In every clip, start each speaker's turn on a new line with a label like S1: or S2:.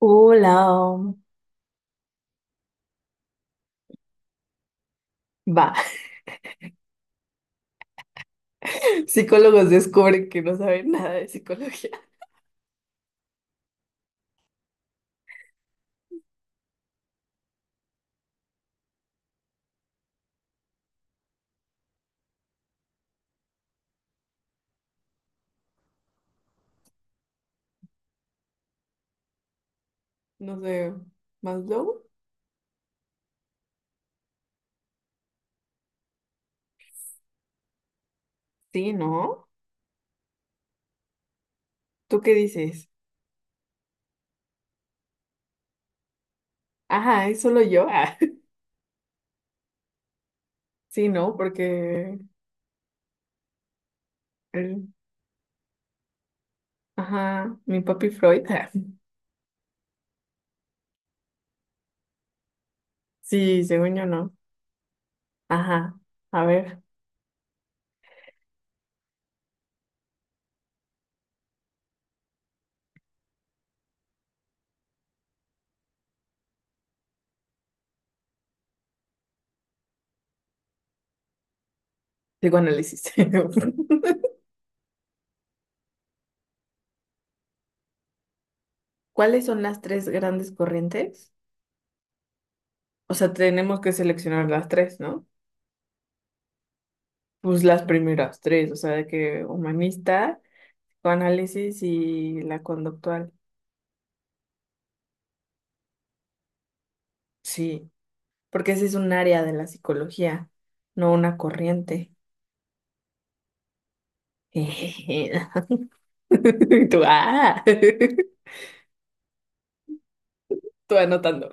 S1: Hola, va. Psicólogos descubren que no saben nada de psicología. No sé, ¿Maslow? Sí, ¿no? ¿Tú qué dices? Ajá, es solo yo. Ah. Sí, ¿no? Porque el- ajá, mi papi Freud. Ah, sí, según yo no. Ajá, a ver, psicoanálisis. ¿Cuáles son las tres grandes corrientes? O sea, tenemos que seleccionar las tres, ¿no? Pues las primeras tres, o sea, de que humanista. Psicoanálisis y la conductual, sí, porque ese es un área de la psicología, no una corriente. Y tú anotando.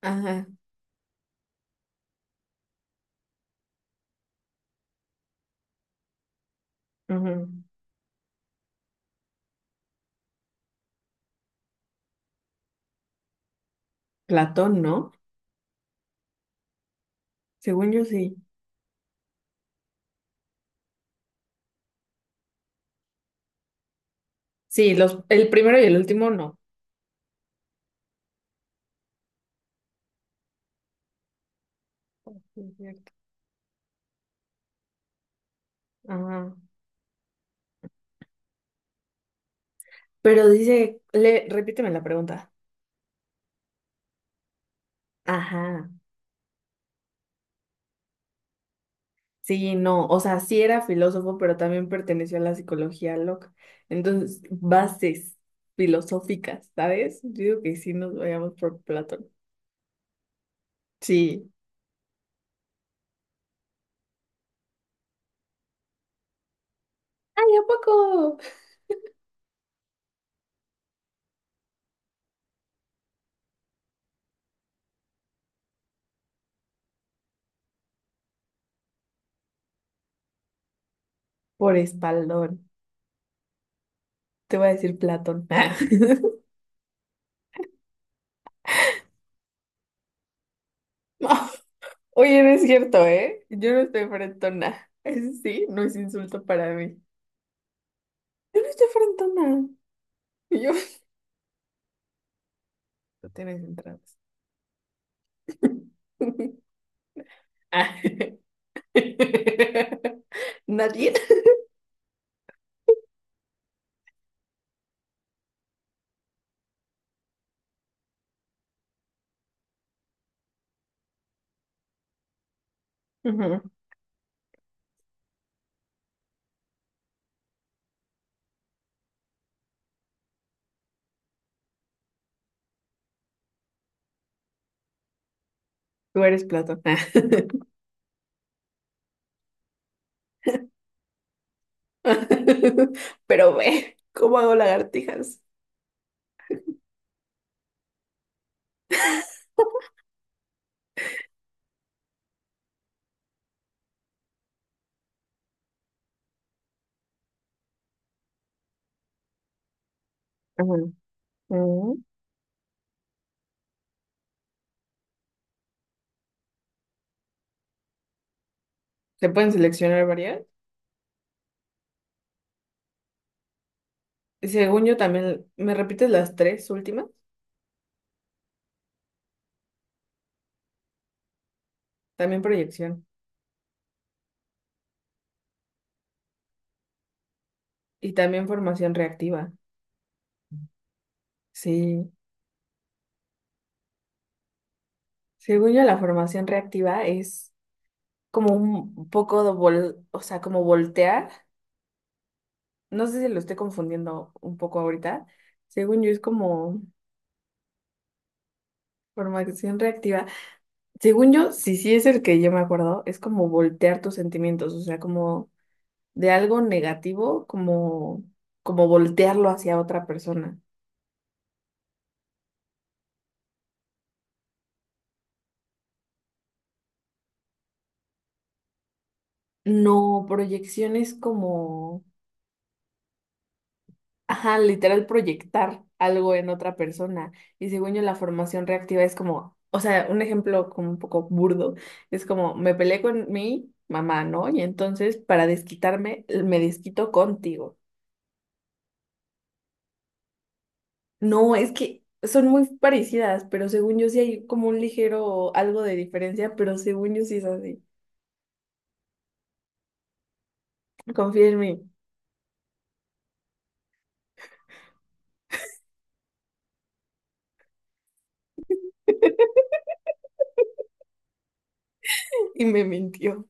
S1: Ajá, ujú. Platón, ¿no? Según yo sí. Sí, el primero y el último no. Es cierto. Ajá. Pero dice, repíteme la pregunta. Ajá. Sí, no, o sea, sí era filósofo, pero también perteneció a la psicología loca. Entonces, bases filosóficas, ¿sabes? Yo digo que sí nos vayamos por Platón. Sí. Ay, ¿a poco? Por espaldón. Te voy a decir Platón. No, oye, no es cierto, ¿eh? Yo no estoy frentona. Ese sí, no es insulto para mí. Yo no estoy frentona. Y yo, tú tienes entradas. Ah. Nadie. Ujú. Tú eres Platón. Ah. Pero ve, ¿cómo hago lagartijas? Bueno. Ujú. ¿Se pueden seleccionar varias? Y según yo también, ¿me repites las tres últimas? También proyección y también formación reactiva. Sí, según yo la formación reactiva es como un poco o sea, como voltear. No sé. Según yo, sí es el que yo me acuerdo, es como voltear tus sentimientos, o sea, como de algo negativo, como voltearlo hacia otra persona. No, proyección es como, ajá, literal proyectar algo en otra persona. Y según yo, la formación reactiva es como, o sea, un ejemplo como un poco burdo, es como, me peleé con mi mamá, ¿no? Y entonces, para desquitarme, me desquito contigo. No, es que son muy parecidas, pero según yo sí hay como un ligero algo de diferencia, pero según yo sí es así. Confía en mí. Y me mintió.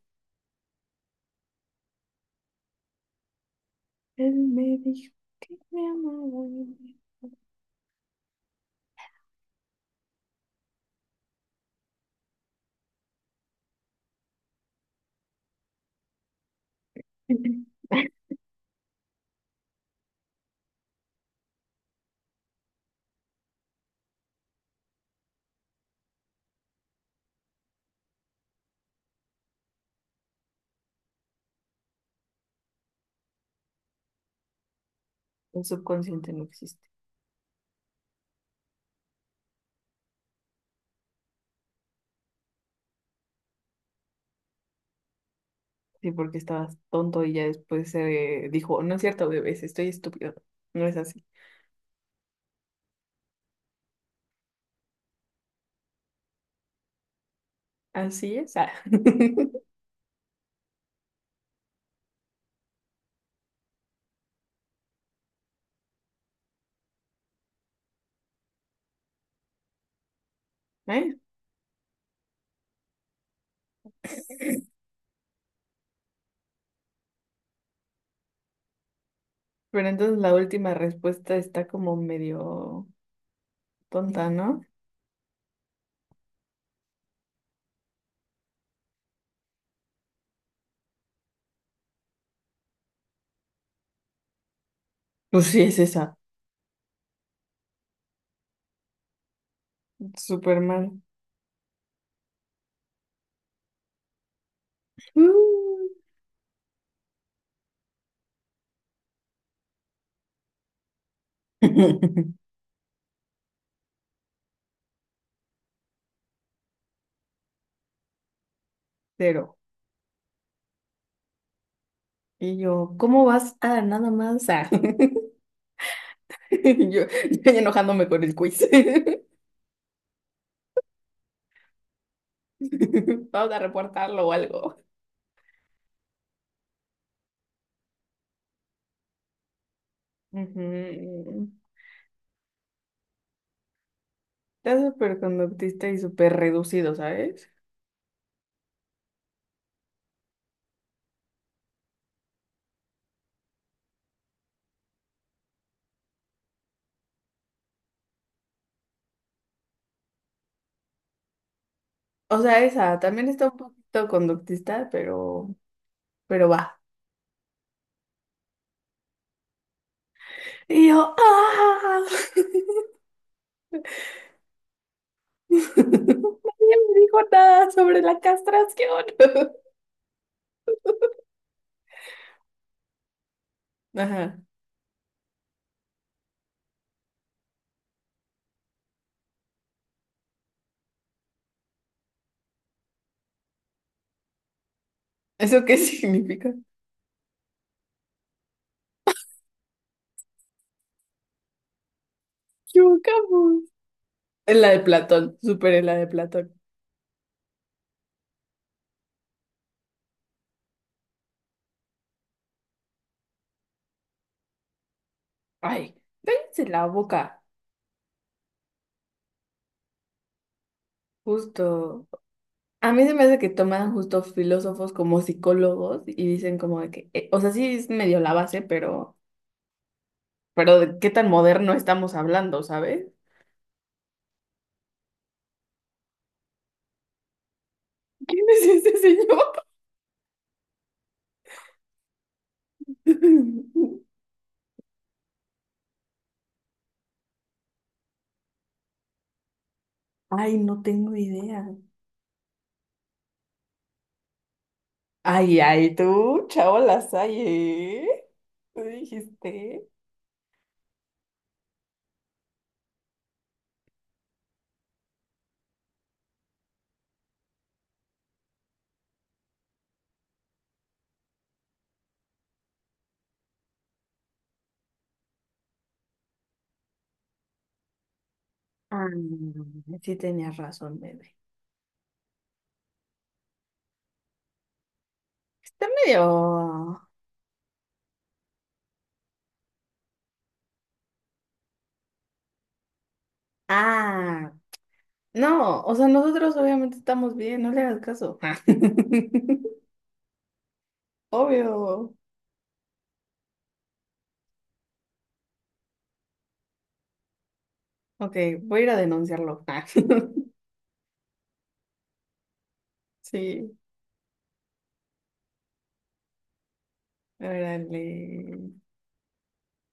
S1: Él me dijo, me amaba. El subconsciente no existe. Sí, porque estabas tonto y ya después se dijo, no es cierto, bebés, estoy estúpido. No es así. Así es. Ah. ¿Eh? Pero entonces la última respuesta está como medio tonta, ¿no? Pues sí, es esa. Súper mal. Uh. Cero. Y yo, ¿cómo vas? Ah, nada más. Ah". Y yo enojándome con el quiz. Vamos a reportarlo o algo. Ujú. Está súper conductista y súper reducido, ¿sabes? O sea, esa también está un poquito conductista, pero va. Y yo, ¡ah! Nadie me dijo nada sobre la castración. Ajá. ¿Eso qué significa? Chocamos. En la de Platón, súper en la de Platón. Ay, cállense la boca, justo. A mí se me hace que toman justo filósofos como psicólogos y dicen como de que, o sea, sí es medio la base, pero de qué tan moderno estamos hablando, ¿sabes? ¿Quién es ese señor? Ay, no tengo idea. Ay, ay, tú, chao, las hay, ¿eh? ¿Tú dijiste? Ah, sí tenías razón, bebé. Está medio... Ah. No, o sea, nosotros obviamente estamos bien, no le hagas caso. Obvio. Ok, voy a ir a denunciarlo. Sí, órale.